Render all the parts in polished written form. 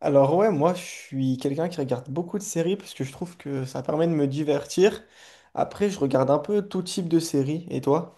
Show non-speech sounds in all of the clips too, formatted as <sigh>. Alors ouais, moi je suis quelqu'un qui regarde beaucoup de séries parce que je trouve que ça permet de me divertir. Après, je regarde un peu tout type de séries. Et toi?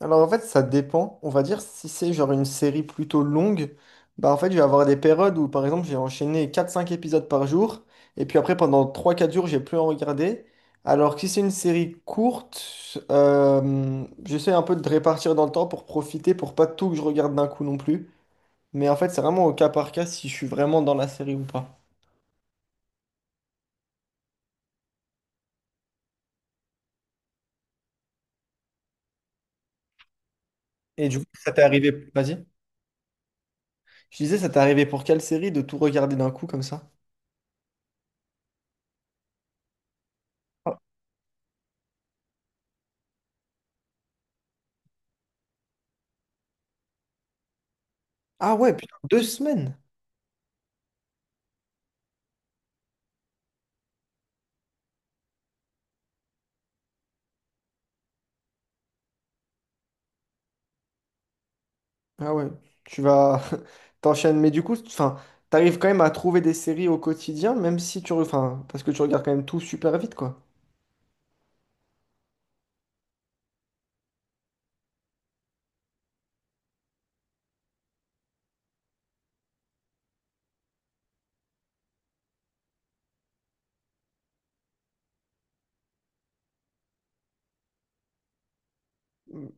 Alors en fait, ça dépend. On va dire si c'est genre une série plutôt longue, bah en fait, je vais avoir des périodes où par exemple, j'ai enchaîné quatre cinq épisodes par jour et puis après pendant trois quatre jours, j'ai plus en regarder. Alors que si c'est une série courte, j'essaie un peu de répartir dans le temps pour profiter pour pas tout que je regarde d'un coup non plus. Mais en fait, c'est vraiment au cas par cas si je suis vraiment dans la série ou pas. Et du coup, ça t'est arrivé. Vas-y. Je disais, ça t'est arrivé pour quelle série de tout regarder d'un coup comme ça? Ah ah ouais, putain, deux semaines. Ah ouais, tu vas <laughs> t'enchaînes. Mais du coup, enfin, t'arrives quand même à trouver des séries au quotidien, même si tu, re- enfin, parce que tu regardes quand même tout super vite, quoi.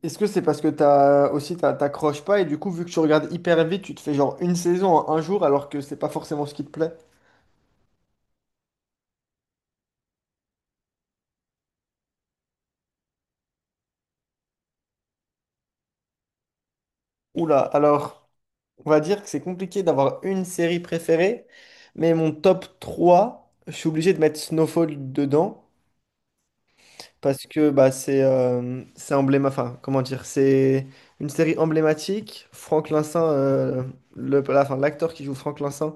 Est-ce que c'est parce que t'as aussi t'as- t'accroches pas et du coup, vu que tu regardes hyper vite, tu te fais genre une saison en un jour alors que c'est pas forcément ce qui te plaît? Oula, alors. On va dire que c'est compliqué d'avoir une série préférée, mais mon top 3, je suis obligé de mettre Snowfall dedans parce que bah, c'est emblém- enfin, comment dire, c'est une série emblématique. Franck Lincin, le, la- enfin, l'acteur qui joue Franck Lincin,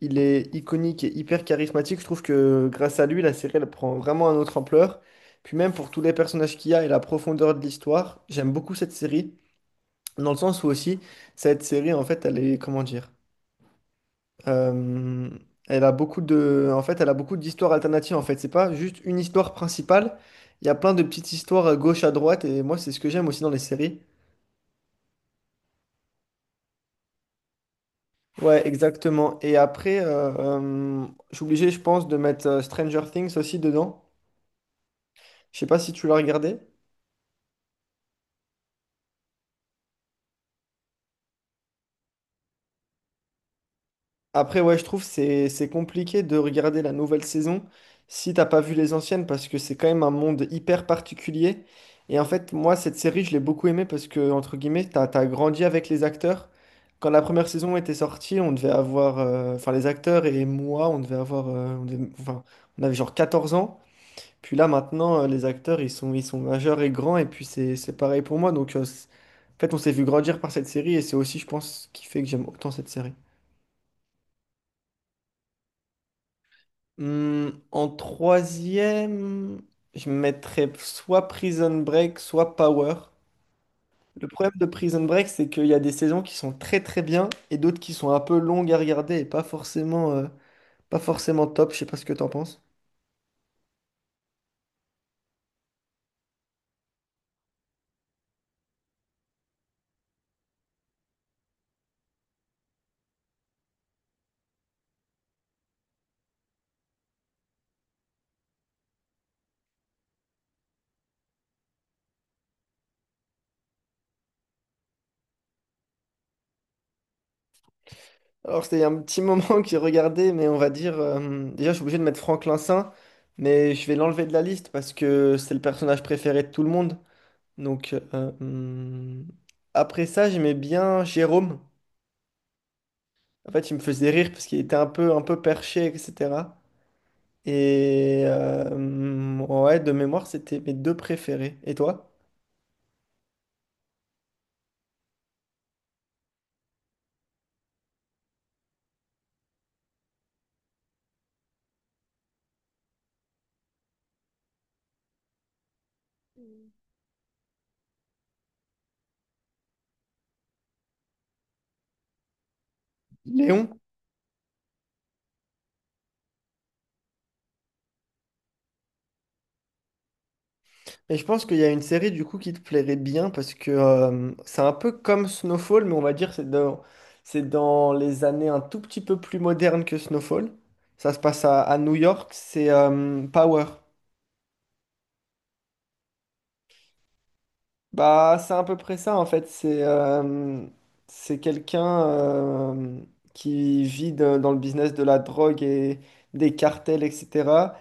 il est iconique et hyper charismatique. Je trouve que grâce à lui, la série elle prend vraiment un autre ampleur. Puis même pour tous les personnages qu'il y a et la profondeur de l'histoire, j'aime beaucoup cette série dans le sens où aussi cette série en fait, elle est comment dire. Euh, Elle a beaucoup de, en fait, elle a beaucoup d'histoires alternatives. En fait, c'est pas juste une histoire principale. Il y a plein de petites histoires à gauche à droite. Et moi, c'est ce que j'aime aussi dans les séries. Ouais, exactement. Et après, je suis obligé, je pense, de mettre Stranger Things aussi dedans. Je sais pas si tu l'as regardé. Après, ouais, je trouve c'est compliqué de regarder la nouvelle saison si t'as pas vu les anciennes parce que c'est quand même un monde hyper particulier. Et en fait, moi, cette série, je l'ai beaucoup aimée parce que, entre guillemets, t'as grandi avec les acteurs. Quand la première saison était sortie, on devait avoir, enfin, les acteurs et moi, on devait avoir, on devait- enfin, on avait genre 14 ans. Puis là, maintenant, les acteurs, ils sont majeurs et grands. Et puis, c'est pareil pour moi. Donc, c'est- en fait, on s'est vu grandir par cette série et c'est aussi, je pense, ce qui fait que j'aime autant cette série. Hmm, en troisième, je mettrais soit Prison Break, soit Power. Le problème de Prison Break, c'est qu'il y a des saisons qui sont très très bien et d'autres qui sont un peu longues à regarder et pas forcément, pas forcément top. Je sais pas ce que t'en penses. Alors, c'était il y a un petit moment <laughs> que j'ai regardé, mais on va dire. Déjà, je suis obligé de mettre Franklin Saint, mais je vais l'enlever de la liste parce que c'est le personnage préféré de tout le monde. Donc, euh, hmm. Après ça, j'aimais bien Jérôme. En fait, il me faisait rire parce qu'il était un peu perché, etc. Et ouais, de mémoire, c'était mes deux préférés. Et toi? Léon? Et je pense qu'il y a une série du coup qui te plairait bien parce que c'est un peu comme Snowfall, mais on va dire c'est dans les années un tout petit peu plus modernes que Snowfall. Ça se passe à New York, c'est Power. Bah, c'est à peu près ça en fait. C'est quelqu'un qui vit de- dans le business de la drogue et des cartels, etc.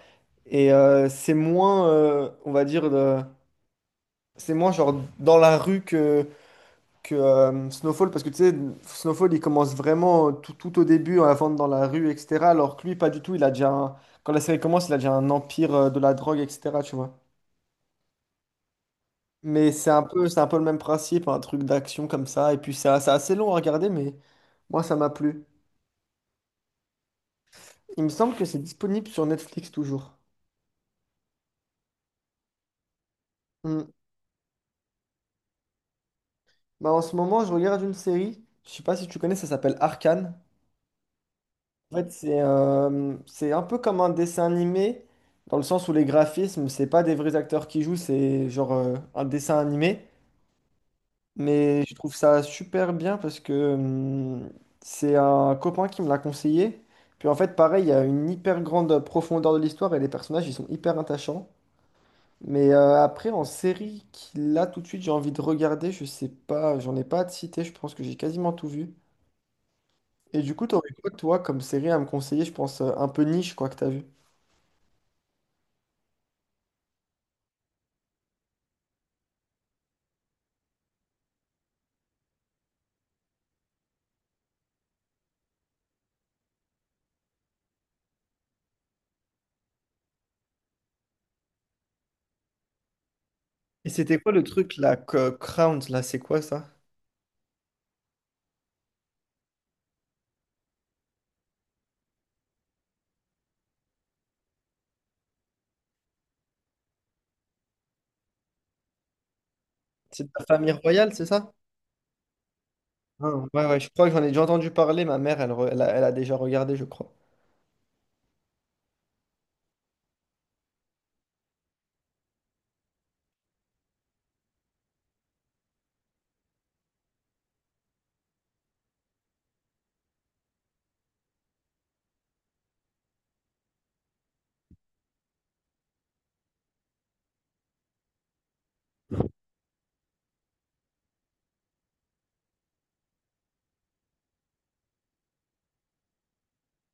Et c'est moins, on va dire, de- c'est moins genre dans la rue que Snowfall, parce que tu sais, Snowfall, il commence vraiment tout, tout au début à vendre dans la rue, etc. Alors que lui, pas du tout. Il a déjà, un- quand la série commence, il a déjà un empire de la drogue, etc. Tu vois. Mais c'est un peu le même principe, un truc d'action comme ça. Et puis ça, c'est assez long à regarder, mais moi ça m'a plu. Il me semble que c'est disponible sur Netflix toujours. Hmm. Bah, en ce moment, je regarde une série. Je sais pas si tu connais, ça s'appelle Arcane. En fait, c'est un peu comme un dessin animé, dans le sens où les graphismes, c'est pas des vrais acteurs qui jouent, c'est genre un dessin animé. Mais je trouve ça super bien parce que c'est un copain qui me l'a conseillé. Puis en fait, pareil, il y a une hyper grande profondeur de l'histoire et les personnages, ils sont hyper attachants. Mais après, en série, qui là tout de suite, j'ai envie de regarder, je sais pas, j'en ai pas à te citer, je pense que j'ai quasiment tout vu. Et du coup, t'aurais quoi, toi, comme série à me conseiller, je pense, un peu niche, quoi, que t'as vu? Et c'était quoi le truc, là, que- Crown, là, c'est quoi ça? C'est de la famille royale, c'est ça? Non, ouais, ouais, je crois que j'en ai déjà entendu parler. Ma mère, elle, re- elle a, elle a déjà regardé, je crois.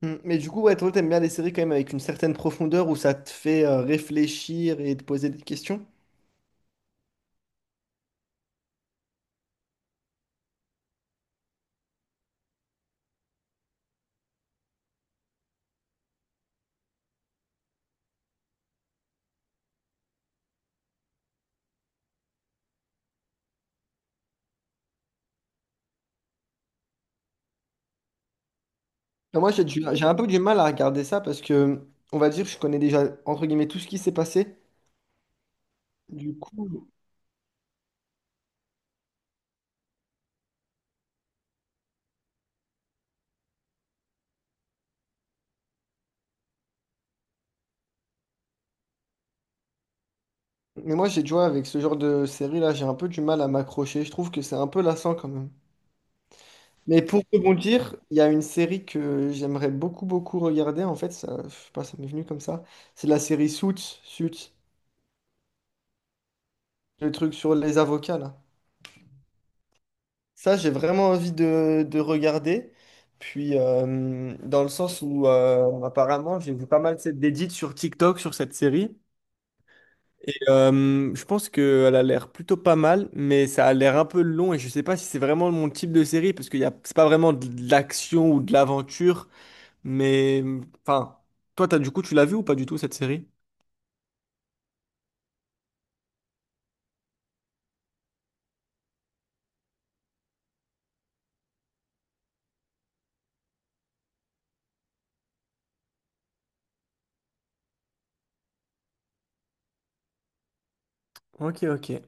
Hmm, mais du coup, ouais, toi, t'aimes bien les séries quand même avec une certaine profondeur où ça te fait réfléchir et te poser des questions. Enfin, moi, j'ai du- j'ai un peu du mal à regarder ça parce que, on va dire, je connais déjà, entre guillemets, tout ce qui s'est passé. Du coup, mais moi, j'ai, tu vois, avec ce genre de série-là, j'ai un peu du mal à m'accrocher. Je trouve que c'est un peu lassant quand même. Mais pour rebondir, il y a une série que j'aimerais beaucoup, beaucoup regarder. En fait, ça, je sais pas, ça m'est venu comme ça. C'est la série Suits. Suits. Le truc sur les avocats, là. Ça, j'ai vraiment envie de regarder. Puis, dans le sens où, apparemment, j'ai vu pas mal cette d'édits sur TikTok, sur cette série. Et je pense qu'elle a l'air plutôt pas mal, mais ça a l'air un peu long. Et je sais pas si c'est vraiment mon type de série, parce que y a, c'est pas vraiment de l'action ou de l'aventure. Mais, enfin, toi, t'as, du coup, tu l'as vu ou pas du tout, cette série? Ok, ok.